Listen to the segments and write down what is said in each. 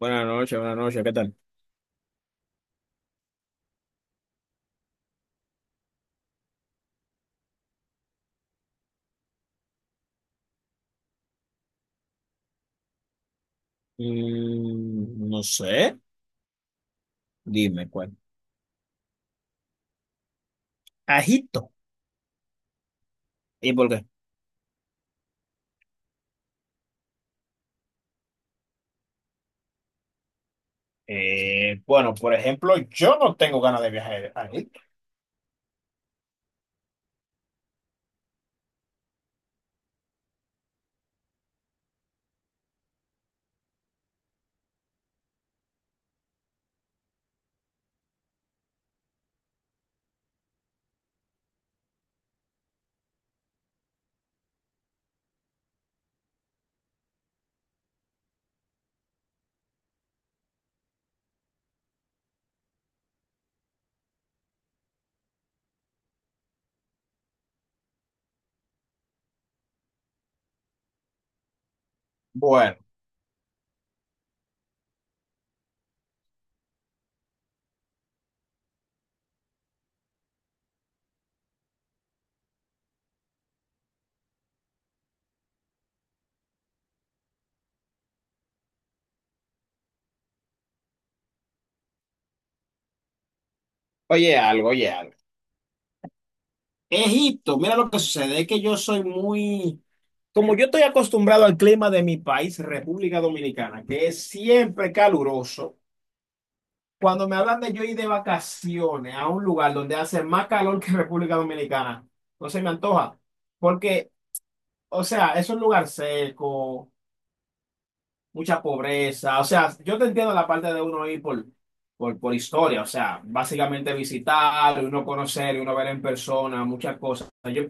Buenas noches, ¿qué tal? No sé, dime cuál. Egipto. ¿Y por qué? Bueno, por ejemplo, yo no tengo ganas de viajar a Egipto. Bueno, oye algo, oye algo. Egipto, mira lo que sucede, es que yo soy muy, como yo estoy acostumbrado al clima de mi país, República Dominicana, que es siempre caluroso, cuando me hablan de yo ir de vacaciones a un lugar donde hace más calor que República Dominicana, no se me antoja, porque... O sea, es un lugar seco, mucha pobreza. O sea, yo te entiendo la parte de uno ir por historia. O sea, básicamente visitar, uno conocer, uno ver en persona, muchas cosas. Yo,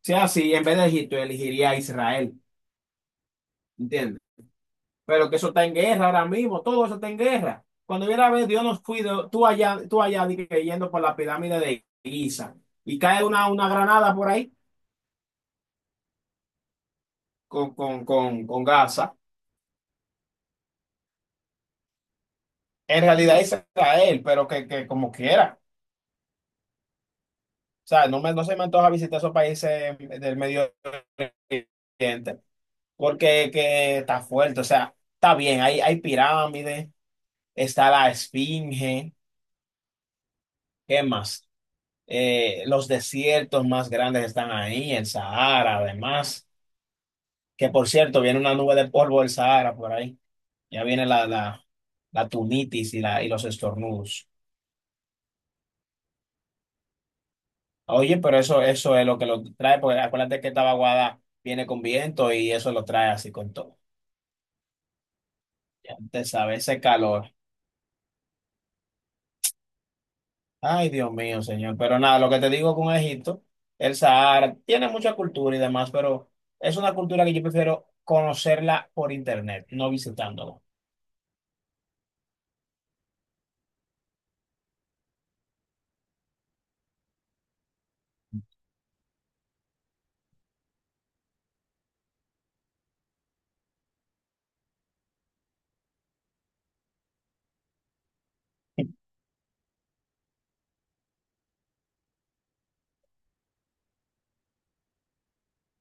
sea así, en vez de Egipto, elegiría Israel, ¿entiendes? Pero que eso está en guerra ahora mismo, todo eso está en guerra. Cuando viera a ver, Dios nos cuide, tú allá di que yendo por la pirámide de Giza y cae una granada por ahí con Gaza. En realidad es Israel, pero que como quiera. O sea, no, me, no se me antoja visitar esos países del Medio Oriente, porque que está fuerte, o sea, está bien, hay pirámides, está la Esfinge, ¿qué más? Los desiertos más grandes están ahí, el Sahara, además, que por cierto, viene una nube de polvo del Sahara por ahí, ya viene la tunitis y, la, y los estornudos. Oye, pero eso es lo que lo trae, porque acuérdate que esta vaguada viene con viento y eso lo trae así con todo. Ya te sabe, ese calor. Ay, Dios mío, señor. Pero nada, lo que te digo con Egipto, el Sahara, tiene mucha cultura y demás, pero es una cultura que yo prefiero conocerla por internet, no visitándolo.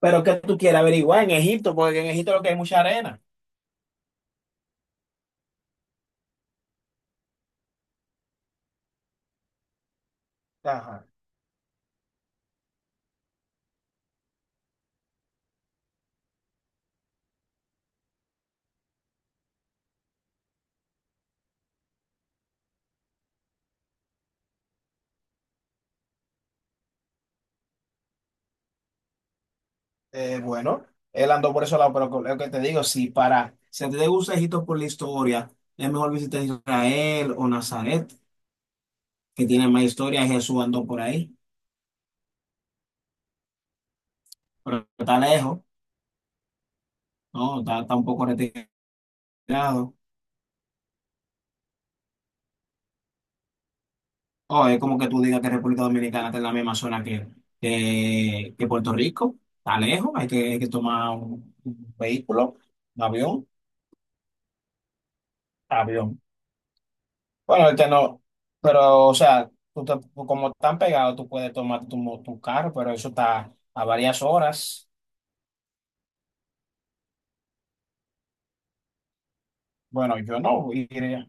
Pero que tú quieras averiguar en Egipto, porque en Egipto lo que hay es mucha arena. Ajá. Bueno, él andó por ese lado, pero lo que te digo, si para, si a ti te gusta Egipto por la historia, es mejor visitar Israel o Nazaret, que tiene más historia, Jesús andó por ahí, pero está lejos, ¿no? Está, está un poco retirado. O es como que tú digas que República Dominicana está en la misma zona que, que Puerto Rico. Está lejos, hay que tomar un vehículo, un avión, avión. Bueno, ahorita no, pero o sea, tú como están pegados, tú puedes tomar tu, tu carro, pero eso está a varias horas. Bueno, yo no iría.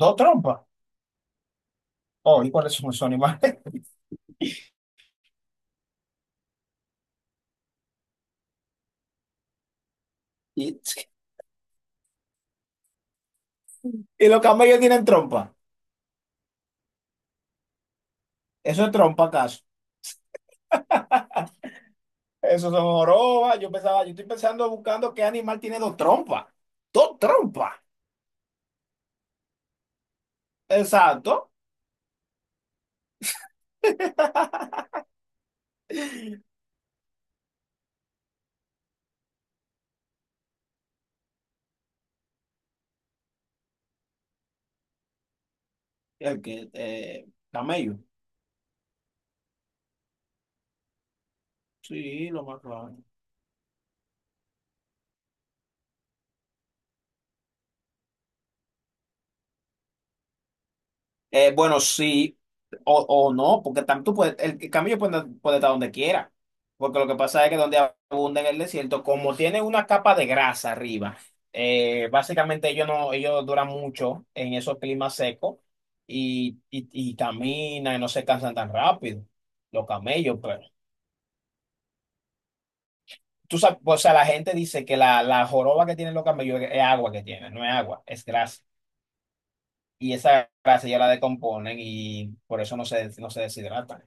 Dos trompas. Oh, ¿y cuáles son esos animales? Y, y los camellos tienen trompa. ¿Eso es trompa acaso? Eso son jorobas. Yo pensaba, yo estoy pensando buscando qué animal tiene dos trompas. Dos trompas. Exacto. El que, camello. Sí, lo más claro. Bueno, sí o no, porque tú puedes, el camello puede, puede estar donde quiera, porque lo que pasa es que donde abunda en el desierto, como tiene una capa de grasa arriba, básicamente ellos no, ellos duran mucho en esos climas secos y caminan y no se cansan tan rápido, los camellos, pero tú sabes, o sea, la gente dice que la joroba que tienen los camellos es agua que tienen, no es agua, es grasa, y esa grasa ya la decomponen y por eso no se, no se deshidratan.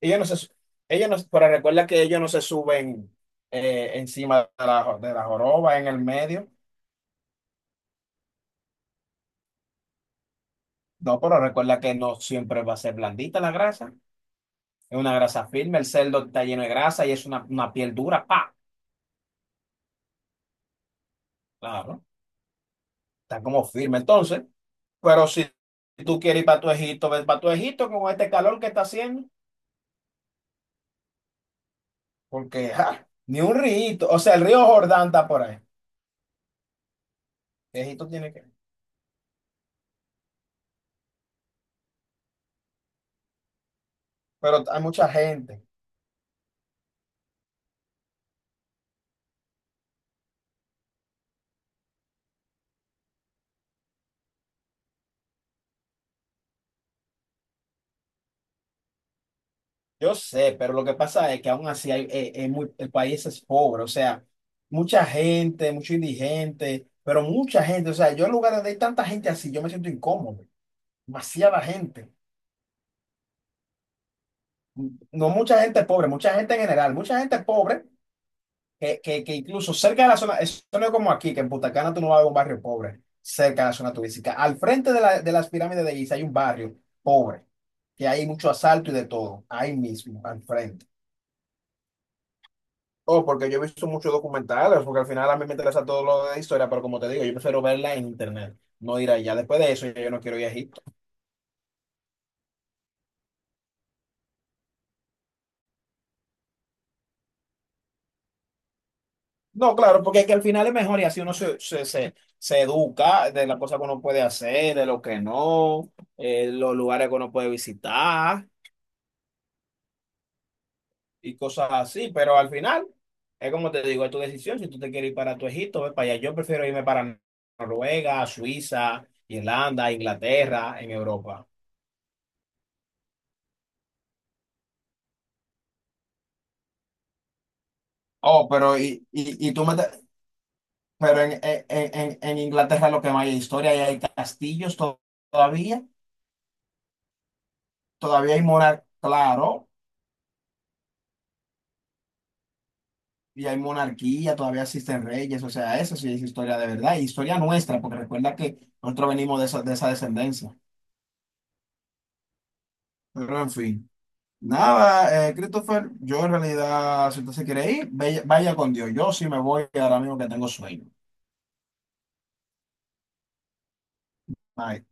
Ellos no se, su- ellos no, pero recuerda que ellos no se suben encima de de la joroba, en el medio. No, pero recuerda que no siempre va a ser blandita la grasa. Es una grasa firme, el cerdo está lleno de grasa y es una piel dura, pa, claro, está como firme. Entonces, pero si tú quieres ir para tu Egipto, ves para tu Egipto con este calor que está haciendo, porque ja, ni un río, o sea, el río Jordán está por ahí. Egipto tiene que, pero hay mucha gente. Yo sé, pero lo que pasa es que aún así hay- muy- el país es pobre, o sea, mucha gente, mucho indigente, pero mucha gente, o sea, yo en lugar donde hay tanta gente así, yo me siento incómodo, demasiada gente. No mucha gente pobre, mucha gente en general, mucha gente pobre, que incluso cerca de la zona, eso no es como aquí, que en Punta Cana tú no vas a ver un barrio pobre, cerca de la zona turística. Al frente de, de las pirámides de Giza hay un barrio pobre, que hay mucho asalto y de todo, ahí mismo, al frente. Oh, porque yo he visto muchos documentales, porque al final a mí me interesa todo lo de historia, pero como te digo, yo prefiero verla en internet, no ir allá. Después de eso, yo no quiero ir a Egipto. No, claro, porque es que al final es mejor y así uno se educa de las cosas que uno puede hacer, de lo que no, los lugares que uno puede visitar y cosas así, pero al final es como te digo, es tu decisión. Si tú te quieres ir para tu Egipto, ve para allá. Yo prefiero irme para Noruega, Suiza, Irlanda, Inglaterra, en Europa. Oh, pero y tú me... Pero en Inglaterra lo que más hay es historia, y hay castillos todavía, todavía hay monarquía, claro, y hay monarquía, todavía existen reyes, o sea, eso sí es historia de verdad, y historia nuestra, porque recuerda que nosotros venimos de esa descendencia. Pero en fin, nada, Christopher, yo en realidad, si usted se quiere ir, vaya, vaya con Dios, yo sí me voy ahora mismo que tengo sueño. Bye.